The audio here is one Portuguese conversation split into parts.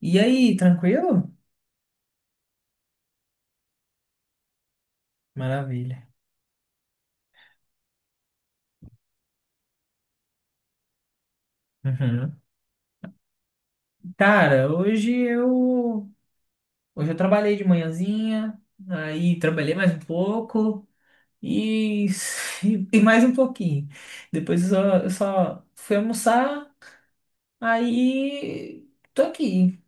E aí, tranquilo? Maravilha. Uhum. Cara, hoje eu trabalhei de manhãzinha, aí trabalhei mais um pouco e, e mais um pouquinho. Depois eu só fui almoçar, aí tô aqui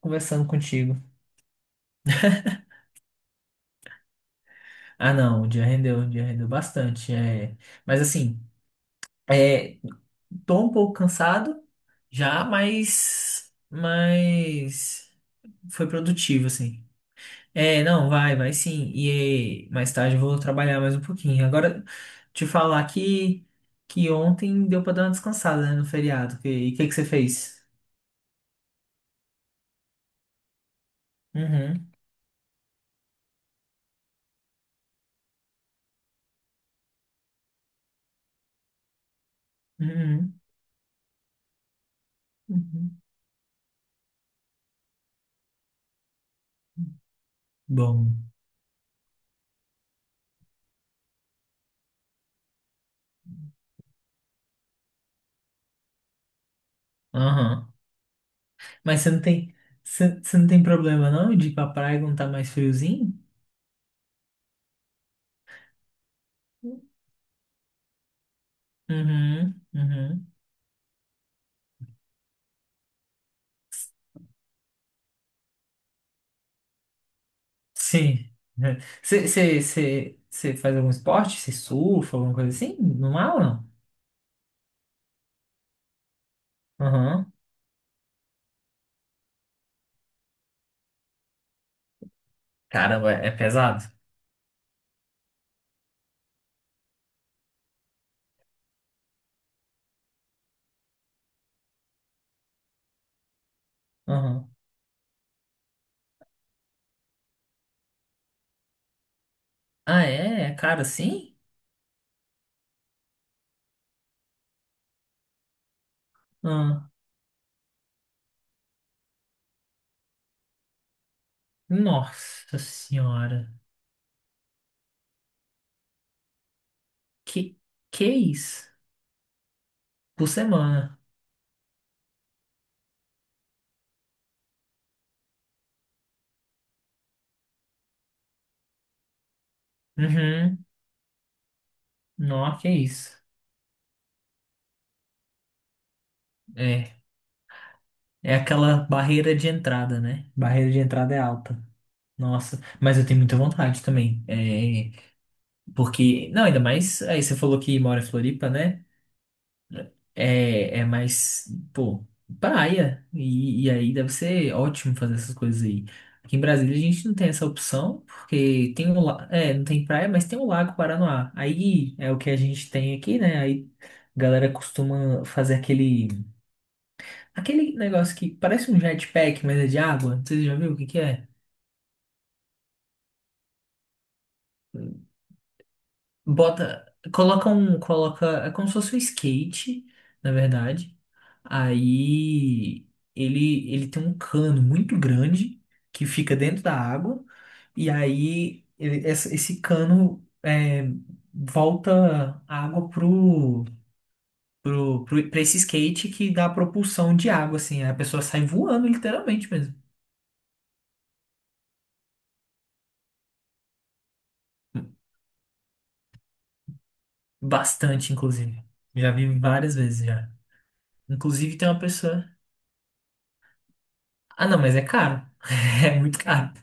conversando contigo. Ah, não, o dia rendeu bastante. É. Mas assim, é, tô um pouco cansado já, mas foi produtivo, assim. É, não, vai, vai sim. E mais tarde eu vou trabalhar mais um pouquinho. Agora, te falar que ontem deu pra dar uma descansada, né, no feriado. E o que que você fez? Uhum, uhum, uhum. Bom. Aham. Mas você não tem problema não de ir pra praia quando tá mais friozinho? Uhum, uhum. Sim. Você faz algum esporte? Você surfa, alguma coisa assim? No mar ou não? Aham. Caramba, é pesado? Ah, é? É caro assim? Ah, nossa senhora. Que que é isso? Por semana. Uhum. Nossa, que é isso? É. É aquela barreira de entrada, né? Barreira de entrada é alta. Nossa, mas eu tenho muita vontade também. É, porque, não, ainda mais, aí você falou que mora em Floripa, né? É, é mais, pô, praia. E aí deve ser ótimo fazer essas coisas aí. Aqui em Brasília a gente não tem essa opção, porque tem não tem praia, mas tem o Lago Paranoá. Aí é o que a gente tem aqui, né? Aí a galera costuma fazer aquele negócio que parece um jetpack, mas é de água. Não, você já viu o que que é? Bota, coloca um, coloca, é como se fosse um skate, na verdade. Aí ele tem um cano muito grande que fica dentro da água, e aí ele- essa- esse cano é, volta a água pro, pra esse skate que dá propulsão de água, assim, a pessoa sai voando literalmente mesmo. Bastante, inclusive. Já vi várias vezes já. Inclusive tem uma pessoa. Ah, não, mas é caro. É muito caro.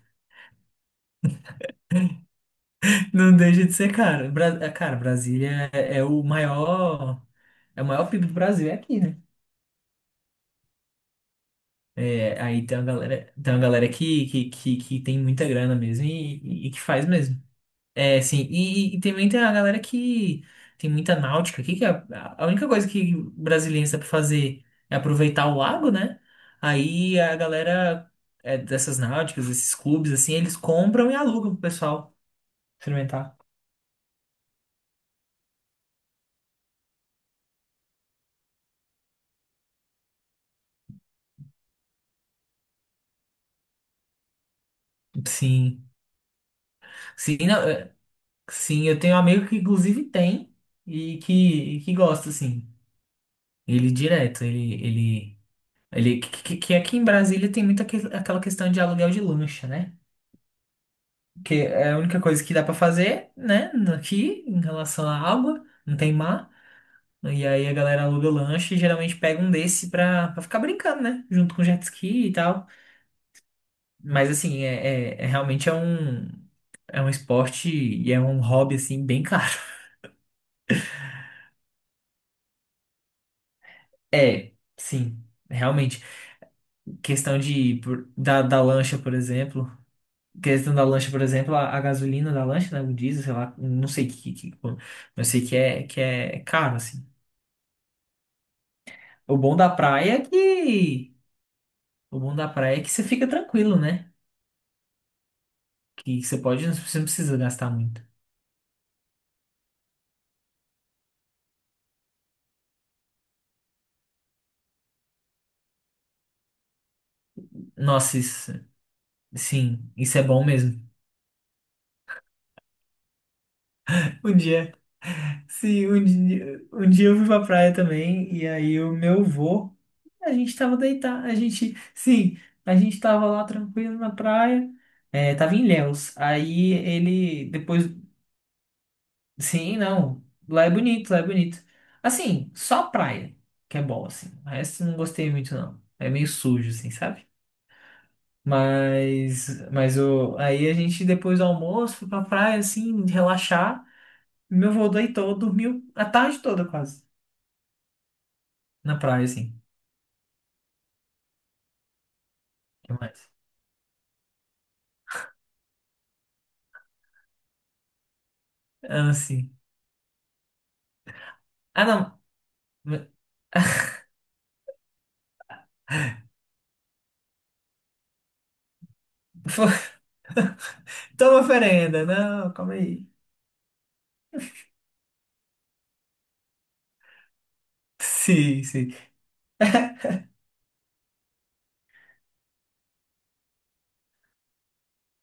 Não deixa de ser cara. Cara, Brasília é o maior, é o maior PIB do Brasil é aqui, né? É, aí tem uma galera que tem muita grana mesmo e, e que faz mesmo. É, sim. E também tem a galera que tem muita náutica aqui, que é a única coisa que brasileiro sabe fazer é aproveitar o lago, né? Aí a galera dessas náuticas, esses clubes, assim, eles compram e alugam pro pessoal experimentar. Sim. Sim, não, é, sim, eu tenho um amigo que inclusive tem e que gosta, assim. Ele direto, ele que, que aqui em Brasília tem muito aquela questão de aluguel de lancha, né? Que é a única coisa que dá pra fazer, né? Aqui, em relação à água, não tem mar. E aí a galera aluga lancha e geralmente pega um desse pra, ficar brincando, né? Junto com jet ski e tal. Mas assim, é realmente é um esporte e é um hobby, assim, bem caro. É, sim, realmente. Questão de, da lancha, por exemplo. Questão da lancha, por exemplo, a gasolina da lancha, né? O diesel, sei lá, não sei mas sei que é caro, assim. O bom da praia é que, o bom da praia é que você fica tranquilo, né? Que você pode, você não precisa gastar muito. Nossa, isso, sim, isso é bom mesmo. Um dia Sim, um dia eu fui pra praia também, e aí o meu avô, a gente tava deitado, a gente, sim, a gente tava lá tranquilo na praia, é, tava em Ilhéus, aí ele, depois, sim, não, lá é bonito, lá é bonito. Assim, só praia, que é bom, assim, o resto não gostei muito, não, é meio sujo, assim, sabe? Mas o, aí a gente, depois do almoço, foi pra praia, assim, relaxar, meu avô deitou, dormiu a tarde toda quase. Na praia, sim. O que mais? Ah, sim. Ah, não. Toma oferenda. Não, calma aí. Sim, sim.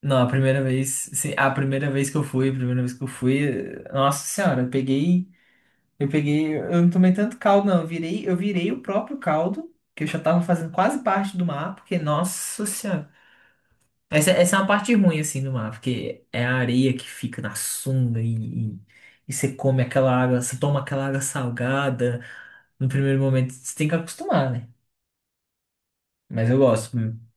Não, a primeira vez, sim, a primeira vez que eu fui, a primeira vez que eu fui, nossa senhora, eu peguei, eu não tomei tanto caldo, não, eu virei o próprio caldo, que eu já tava fazendo quase parte do mar, porque, nossa senhora, essa é uma parte ruim, assim, do mar, porque é a areia que fica na sunga e você come aquela água, você toma aquela água salgada, no primeiro momento. Você tem que acostumar, né? Mas eu gosto mesmo.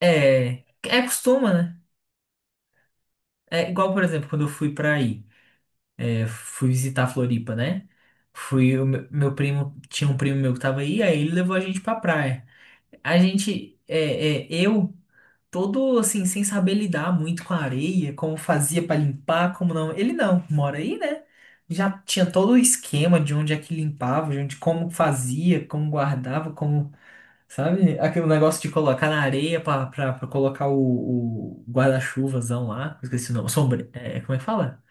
É, é acostuma, né? É igual, por exemplo, quando eu fui pra aí, é, fui visitar a Floripa, né? Fui, o meu, meu primo, tinha um primo meu que tava aí, aí ele levou a gente pra praia. A gente, todo assim, sem saber lidar muito com a areia, como fazia pra limpar, como não. Ele não, mora aí, né? Já tinha todo o esquema de onde é que limpava, de onde, como fazia, como guardava, como. Sabe? Aquele negócio de colocar na areia pra, pra colocar o guarda-chuvazão lá. Esqueci o nome. Como é que fala?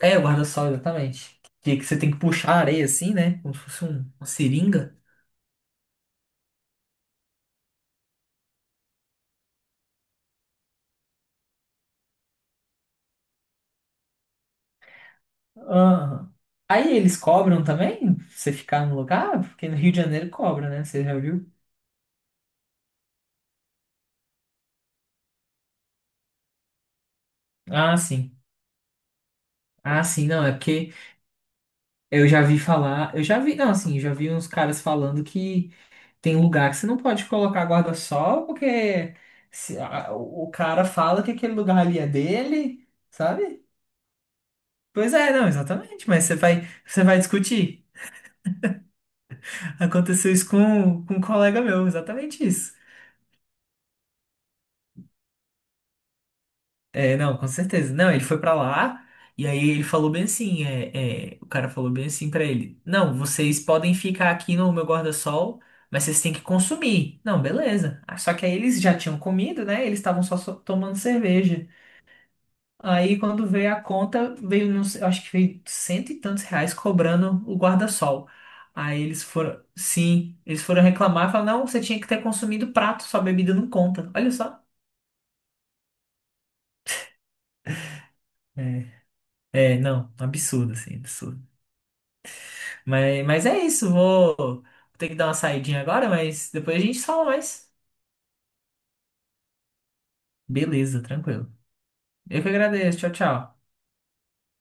É, o guarda-sol, exatamente. Que você tem que puxar a areia assim, né? Como se fosse um, uma seringa. Aham. Aí eles cobram também? Você ficar no lugar? Porque no Rio de Janeiro cobra, né? Você já viu? Ah, sim. Ah, sim, não, é porque eu já vi falar. Eu já vi, não, assim, eu já vi uns caras falando que. Tem lugar que você não pode colocar guarda-sol, porque se, o cara fala que aquele lugar ali é dele, sabe? Pois é, não, exatamente, mas você vai discutir. Aconteceu isso com um colega meu, exatamente isso. É, não, com certeza. Não, ele foi pra lá e aí ele falou bem assim, o cara falou bem assim pra ele, não, vocês podem ficar aqui no meu guarda-sol, mas vocês têm que consumir. Não, beleza. Ah, só que aí eles já tinham comido, né? Eles estavam só tomando cerveja. Aí quando veio a conta, veio, não sei, eu acho que veio cento e tantos reais cobrando o guarda-sol. Aí eles foram, sim, eles foram reclamar e falaram, não, você tinha que ter consumido prato, sua bebida não conta. Olha só. É, não, absurdo, assim, absurdo. Mas é isso, vou ter que dar uma saidinha agora, mas depois a gente fala mais. Beleza, tranquilo. Eu que agradeço, tchau, tchau.